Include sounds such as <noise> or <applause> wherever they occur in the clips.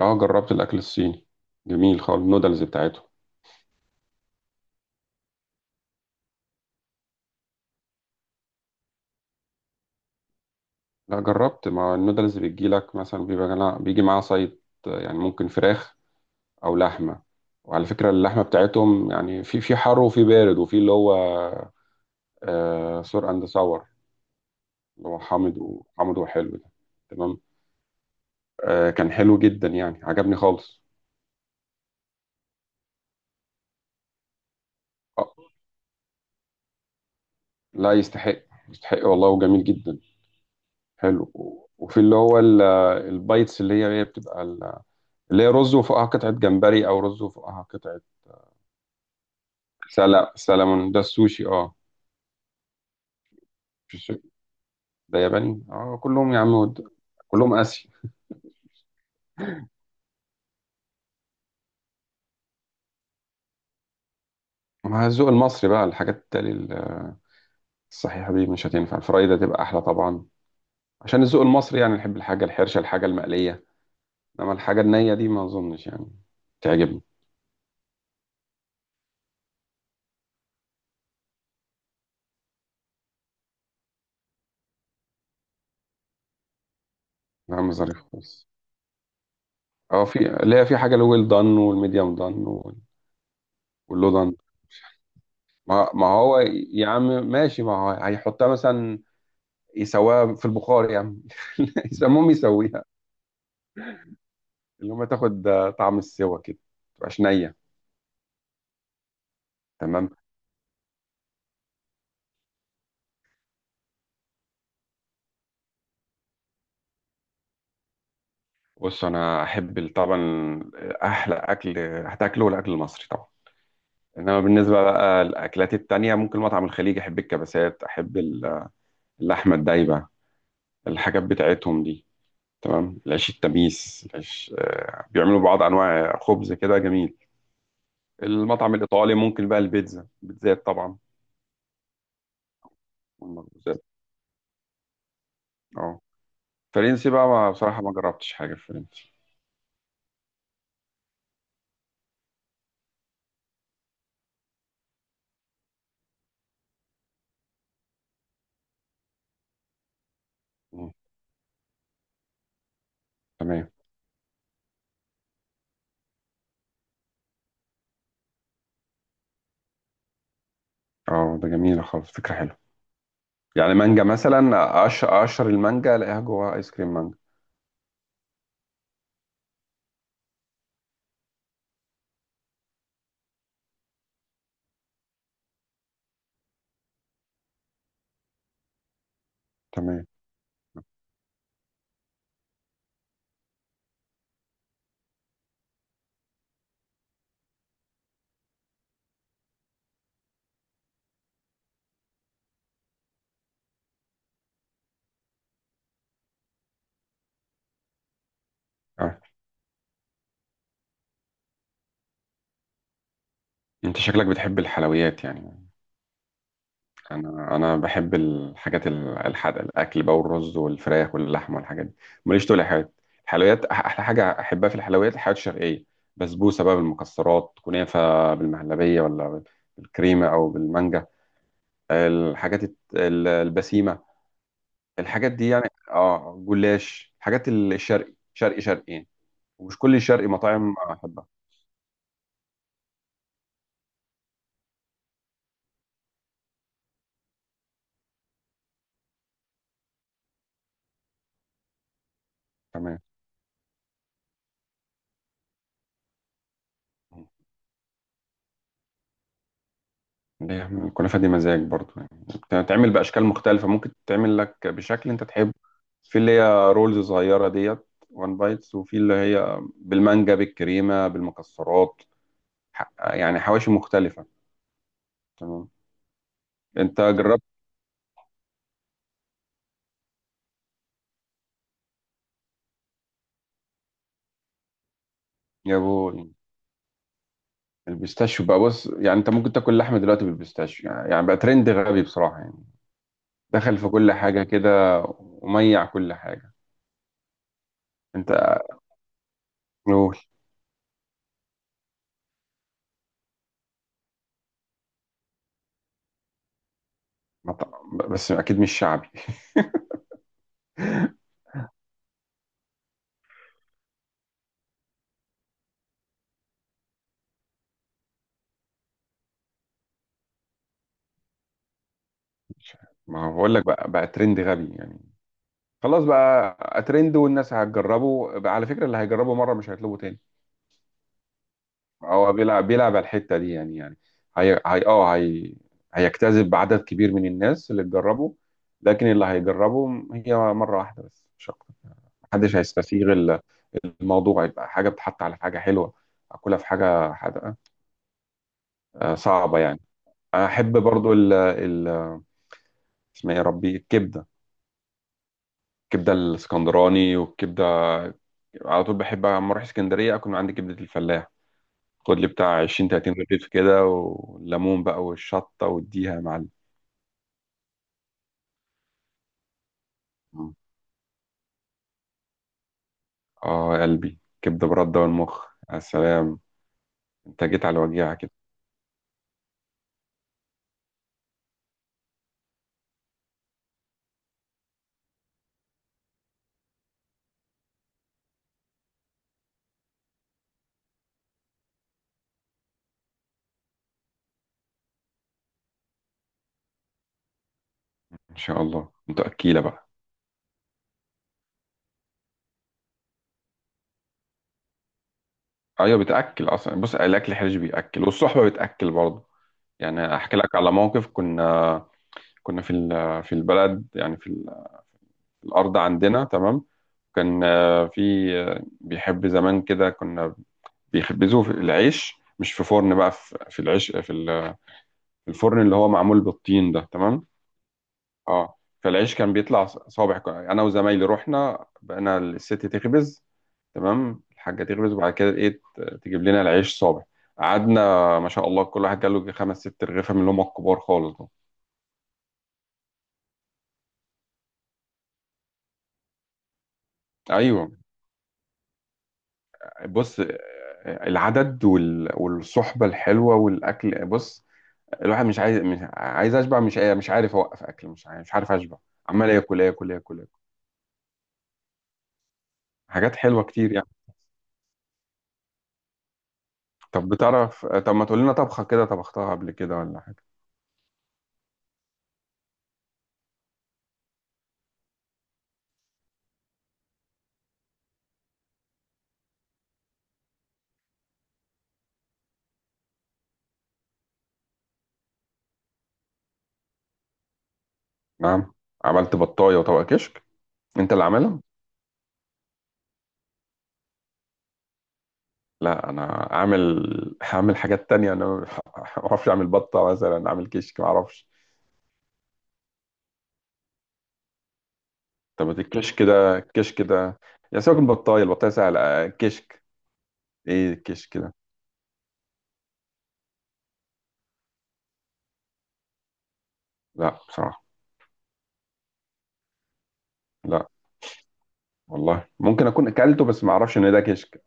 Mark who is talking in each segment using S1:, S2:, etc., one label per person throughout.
S1: اه، جربت الاكل الصيني، جميل خالص النودلز بتاعته. لا، جربت مع النودلز بتجيلك مثلا بيبقى بيجي معاها صيد. يعني ممكن فراخ او لحمه. وعلى فكره اللحمه بتاعتهم يعني في حر وفي بارد وفي اللي هو آه سور اند ساور، اللي هو حامض وحامض وحلو ده. تمام. كان حلو جدا يعني عجبني خالص. آه، لا، يستحق، يستحق والله وجميل جدا. حلو و- وفي اللي هو ال- البايتس اللي هي بتبقى اللي هي رز وفوقها قطعه جمبري او رز وفوقها قطعه سلمون. ده السوشي، اه. مش السوشي. ده ياباني اه، كلهم يا عم كلهم آسيا. مع الذوق المصري بقى الحاجات التالي الصحيحة دي مش هتنفع، الفرايدة تبقى أحلى طبعا. عشان الذوق المصري يعني نحب الحاجة الحرشة، الحاجة المقلية. إنما الحاجة النية دي ما أظنش يعني تعجبني. نعم، ظريف خالص. اه، في اللي هي في حاجة الويل دان والميديوم دان واللو دان. ما هو يا عم ماشي، ما هو هيحطها مثلا يسواها في البخار يا عم <laughs> يسموهم يسويها، اللي هما تاخد طعم السوا كده، متبقاش نية. تمام. بص، انا احب طبعا احلى اكل هتاكله الاكل المصري طبعا. انما بالنسبه بقى للاكلات التانية، ممكن مطعم الخليج احب الكبسات، احب اللحمه الدايبه، الحاجات بتاعتهم دي. تمام. العيش التميس، العيش بيعملوا بعض انواع خبز كده جميل. المطعم الايطالي ممكن بقى البيتزا، البيتزات طبعا والمخبوزات. اه. فرنسي بقى، ما بصراحه ما جربتش حاجه في فرنسي. مم. تمام. اه، ده جميله خالص، فكره حلوه. يعني مانجا مثلا، اقشر المانجا الاقيها جواها ايس كريم مانجا. تمام. اه، انت شكلك بتحب الحلويات يعني. انا بحب الحاجات الحادقه، الاكل بقى والرز والفراخ واللحمه والحاجات دي، ماليش تقول حاجات. الحلويات، احلى حاجه احبها في الحلويات، الحلويات الشرقيه، بسبوسه بقى بالمكسرات، كنافه بالمهلبيه ولا بالكريمه او بالمانجا، الحاجات البسيمه، الحاجات دي يعني. اه، جلاش، الحاجات الشرقي شرقي شرقي يعني، ومش كل الشرقي مطاعم احبها. تمام. ليه الكنافة دي مزاج برضو يعني، بتتعمل بأشكال مختلفة، ممكن تتعمل لك بشكل أنت تحبه. في اللي هي رولز صغيرة ديت وان بايتس، وفي اللي هي بالمانجا بالكريمة بالمكسرات، يعني حواشي مختلفة. تمام. أنت جربت؟ يا بو البيستاشيو بقى، بص، يعني أنت ممكن تاكل لحمة دلوقتي بالبيستاشيو، يعني يعني بقى ترند غبي بصراحة يعني. دخل في كل حاجة كده، وميع كل حاجة. أنت؟ قول. بس أكيد مش شعبي. مش عارف. ما هو بقول لك بقى ترند غبي يعني. خلاص بقى، ترند والناس هتجربه بقى. على فكرة، اللي هيجربه مرة مش هيطلبه تاني. هو بيلعب على الحتة دي يعني يعني، هي هيجتذب عدد كبير من الناس اللي تجربه، لكن اللي هيجربه هي مرة واحدة بس مش أكتر. محدش هيستسيغ الموضوع، يبقى حاجة بتحط على حاجة حلوة أكلها في حاجة حادقة، صعبة يعني. أحب برضو ال اسمها إيه يا ربي، الكبدة، الكبدة الاسكندراني والكبدة. على طول بحب اما اروح اسكندريه اكل من عند كبده الفلاح، خد لي بتاع 20 30 رغيف كده والليمون بقى والشطه واديها يا معلم. مم. اه يا قلبي، كبده برده والمخ. يا سلام، انت جيت على وجيعه كده. ان شاء الله انت اكيله بقى. ايوه، بتاكل اصلا، بص الاكل حرج بياكل والصحبه بتاكل برضه. يعني احكي لك على موقف، كنا في البلد يعني في الارض عندنا. تمام. كان في بيحب زمان كده، كنا بيخبزوه في العيش مش في فرن بقى، في العيش في في الفرن اللي هو معمول بالطين ده. تمام. اه، فالعيش كان بيطلع صابع انا وزمايلي رحنا، بقينا الست تخبز. تمام. الحاجه تخبز، وبعد كده ايه تجيب لنا العيش صابع. قعدنا ما شاء الله، كل واحد جاله يجي خمس ست رغيفه من اللي هم الكبار خالص دول. ايوه. بص، العدد والصحبه الحلوه والاكل، بص الواحد مش عايز اشبع، مش عارف اوقف اكل، مش عارف اشبع. عمال اكل اكل اكل اكل، حاجات حلوه كتير يعني. طب بتعرف، طب ما تقول لنا طبخه كده طبختها قبل كده ولا حاجه. نعم؟ عملت بطايه وطبق كشك، انت اللي عاملها؟ لا، انا عامل، هعمل حاجات تانية، انا ما اعرفش اعمل بطه مثلا، اعمل كشك ما اعرفش. طب الكشك ده، الكشك ده، يا سيبك من البطايه، البطايه سهله، كشك ايه الكشك ده؟ لا بصراحه. لا. والله ممكن اكون اكلته بس ما اعرفش ان ده كشك.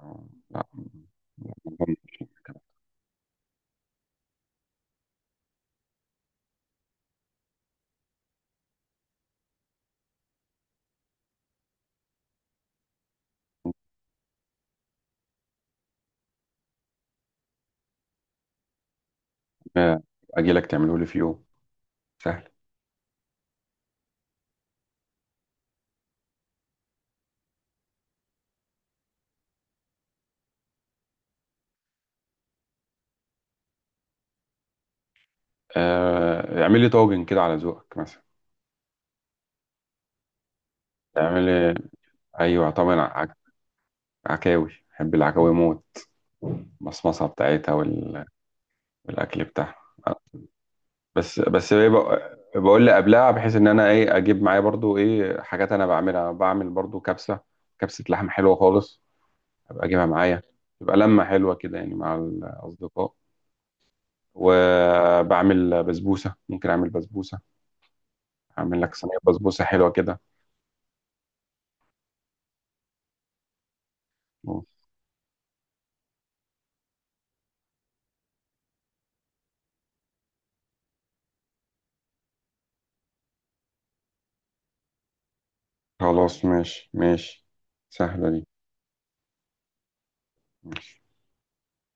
S1: آه، لا ما أظنش. ممكن اجي لك تعمله لي في يوم، سهل. اعمل لي طاجن كده على ذوقك مثلا. اعمل لي. ايوه طبعا، عكاوي، بحب العكاوي موت، المصمصه بتاعتها وال... والاكل بتاعها. بس ايه، بقول لي قبلها بحيث ان انا ايه اجيب معايا برضو ايه حاجات انا بعملها، بعمل برضو كبسه، كبسه لحم حلوه خالص، ابقى اجيبها معايا، تبقى لمه حلوه كده يعني مع الاصدقاء. وبعمل بسبوسه، ممكن اعمل بسبوسه، هعمل لك صينية بسبوسة حلوة كده. خلاص ماشي ماشي. سهلة دي. ماشي.